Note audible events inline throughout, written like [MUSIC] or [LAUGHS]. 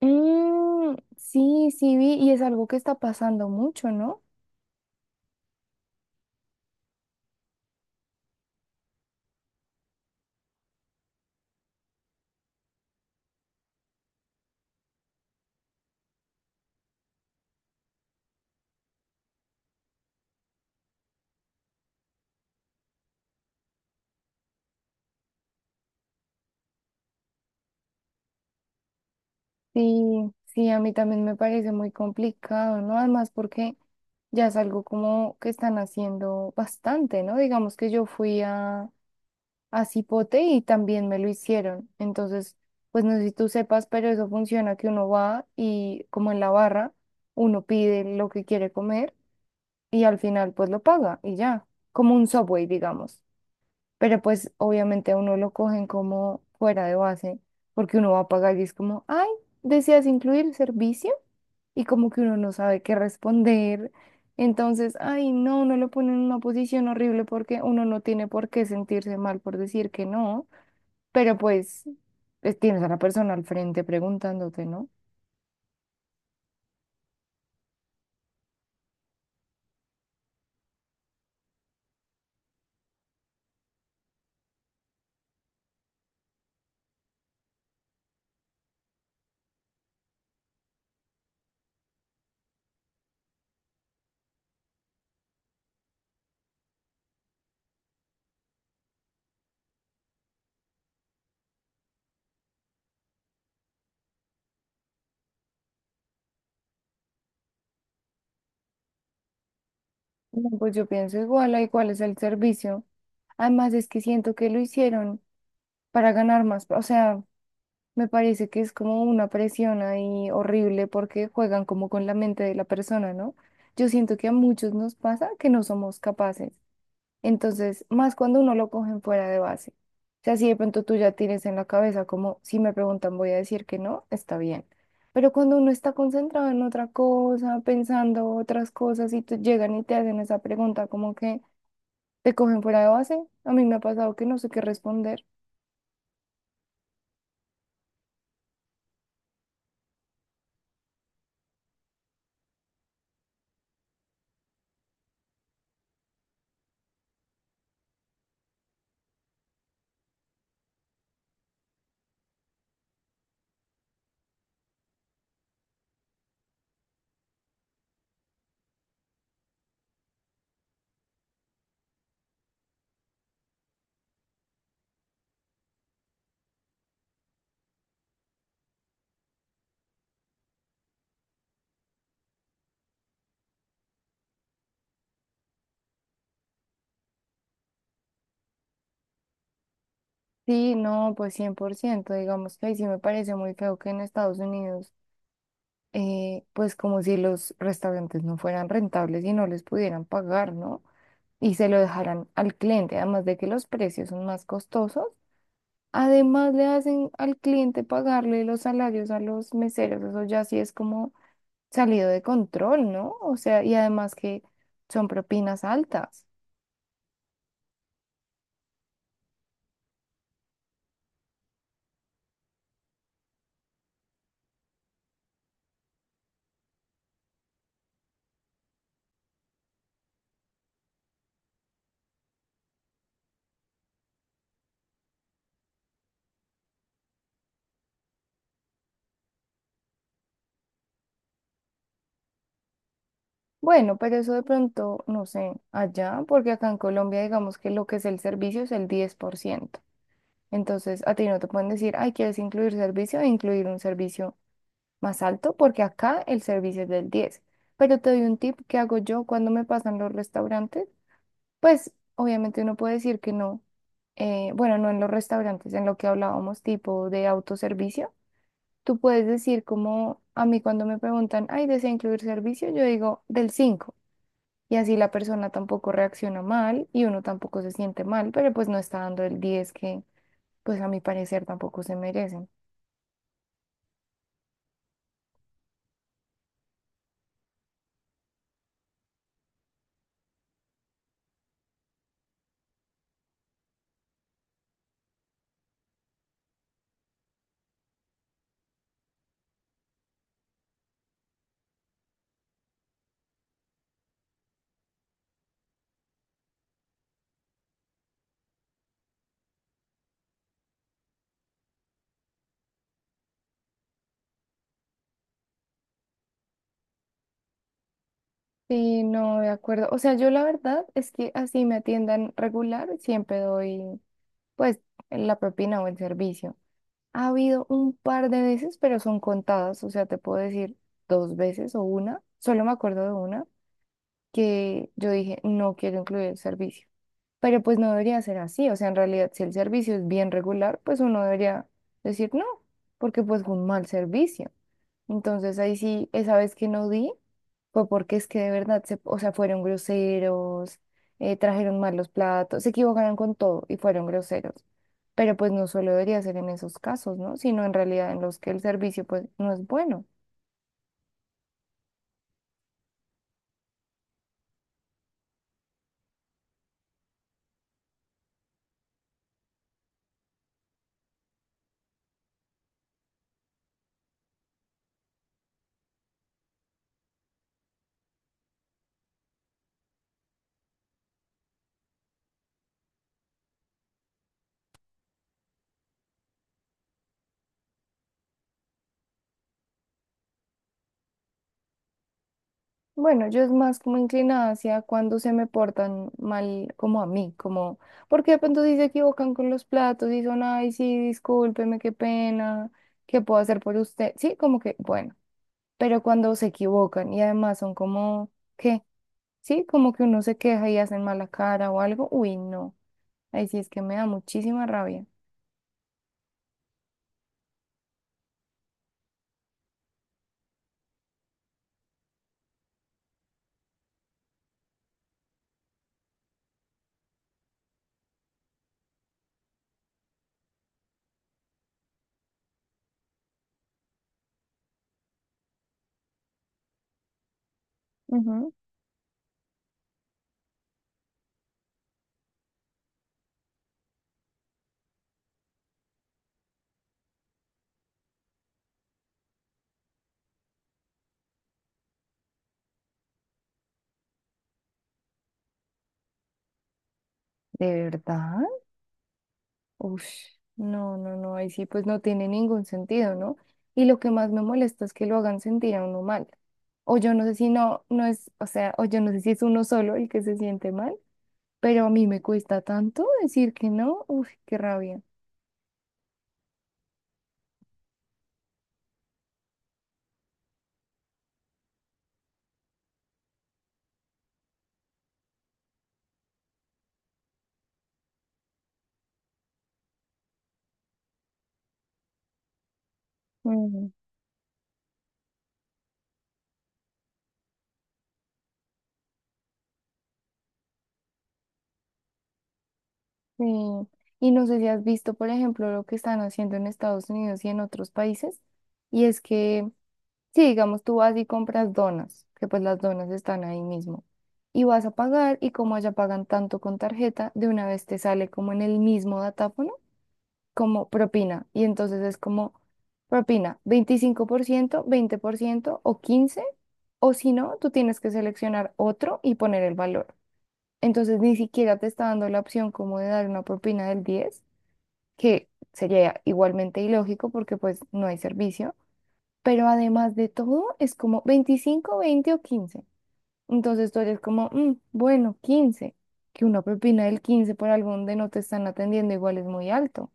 Sí, vi, y es algo que está pasando mucho, ¿no? Sí, sí, a mí también me parece muy complicado, ¿no? Además porque ya es algo como que están haciendo bastante, ¿no? Digamos que yo fui a Cipote y también me lo hicieron. Entonces, pues no sé si tú sepas, pero eso funciona que uno va y como en la barra, uno pide lo que quiere comer y al final pues lo paga y ya, como un Subway, digamos. Pero pues obviamente a uno lo cogen como fuera de base, porque uno va a pagar y es como, ay, ¿deseas incluir servicio? Y como que uno no sabe qué responder. Entonces, ay, no, uno lo pone en una posición horrible porque uno no tiene por qué sentirse mal por decir que no, pero pues tienes a la persona al frente preguntándote, ¿no? No, pues yo pienso igual, ay, ¿cuál es el servicio? Además es que siento que lo hicieron para ganar más, o sea, me parece que es como una presión ahí horrible porque juegan como con la mente de la persona, ¿no? Yo siento que a muchos nos pasa que no somos capaces. Entonces, más cuando uno lo cogen fuera de base. O sea, si de pronto tú ya tienes en la cabeza como, si me preguntan voy a decir que no, está bien. Pero cuando uno está concentrado en otra cosa, pensando otras cosas y te llegan y te hacen esa pregunta como que te cogen fuera de base, a mí me ha pasado que no sé qué responder. Sí, no, pues 100%, digamos que ahí sí me parece muy feo que en Estados Unidos, pues como si los restaurantes no fueran rentables y no les pudieran pagar, ¿no? Y se lo dejaran al cliente, además de que los precios son más costosos, además le hacen al cliente pagarle los salarios a los meseros, eso ya sí es como salido de control, ¿no? O sea, y además que son propinas altas. Bueno, pero eso de pronto, no sé, allá, porque acá en Colombia digamos que lo que es el servicio es el 10%. Entonces, a ti no te pueden decir, ay, ¿quieres incluir servicio? E incluir un servicio más alto, porque acá el servicio es del 10. Pero te doy un tip que hago yo cuando me pasan los restaurantes. Pues, obviamente uno puede decir que no. Bueno no en los restaurantes, en lo que hablábamos, tipo de autoservicio. Tú puedes decir como a mí cuando me preguntan, ay, ¿desea incluir servicio? Yo digo, del 5. Y así la persona tampoco reacciona mal y uno tampoco se siente mal, pero pues no está dando el 10 que pues a mi parecer tampoco se merecen. Sí, no, de acuerdo. O sea, yo la verdad es que así me atiendan regular, siempre doy pues la propina o el servicio. Ha habido un par de veces, pero son contadas, o sea, te puedo decir dos veces o una, solo me acuerdo de una que yo dije, no quiero incluir el servicio. Pero pues no debería ser así, o sea, en realidad si el servicio es bien regular, pues uno debería decir no, porque pues fue un mal servicio. Entonces ahí sí, esa vez que no di, fue porque es que de verdad, o sea, fueron groseros, trajeron mal los platos, se equivocaron con todo y fueron groseros. Pero pues no solo debería ser en esos casos, ¿no? Sino en realidad en los que el servicio pues no es bueno. Bueno, yo es más como inclinada hacia cuando se me portan mal como a mí, como, porque de pronto si se equivocan con los platos y son, ay, sí, discúlpeme, qué pena, ¿qué puedo hacer por usted? Sí, como que, bueno, pero cuando se equivocan y además son como, ¿qué? Sí, como que uno se queja y hacen mala cara o algo, uy, no, ahí sí es que me da muchísima rabia. Ujú. ¿De verdad? Uf, no, no, no, ahí sí pues no tiene ningún sentido, ¿no? Y lo que más me molesta es que lo hagan sentir a uno mal. O yo no sé si no es, o sea, o yo no sé si es uno solo el que se siente mal, pero a mí me cuesta tanto decir que no, uf, qué rabia. Mm, sí. Y no sé si has visto, por ejemplo, lo que están haciendo en Estados Unidos y en otros países, y es que sí, digamos, tú vas y compras donas, que pues las donas están ahí mismo. Y vas a pagar y como allá pagan tanto con tarjeta, de una vez te sale como en el mismo datáfono, como propina. Y entonces es como propina, 25%, 20% o 15%, o si no, tú tienes que seleccionar otro y poner el valor. Entonces ni siquiera te está dando la opción como de dar una propina del 10, que sería igualmente ilógico porque pues no hay servicio, pero además de todo, es como 25, 20 o 15. Entonces tú eres como, "Mm, bueno, 15". Que una propina del 15 por algo donde no te están atendiendo igual es muy alto.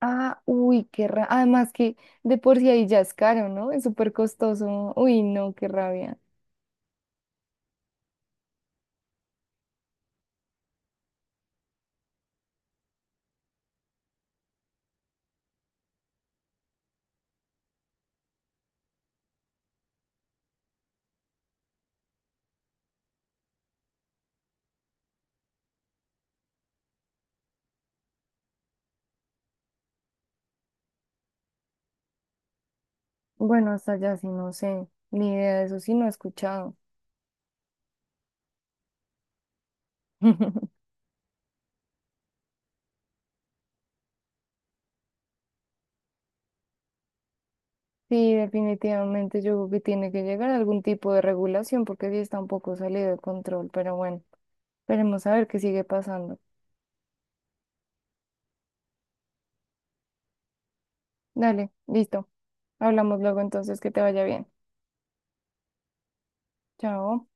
Ah, uy, qué rabia. Además que de por sí ahí ya es caro, ¿no? Es súper costoso. Uy, no, qué rabia. Bueno, hasta allá sí no sé. Ni idea, de eso sí no he escuchado. [LAUGHS] Sí, definitivamente yo creo que tiene que llegar algún tipo de regulación porque sí está un poco salido de control. Pero bueno, esperemos a ver qué sigue pasando. Dale, listo. Hablamos luego entonces, que te vaya bien. Chao.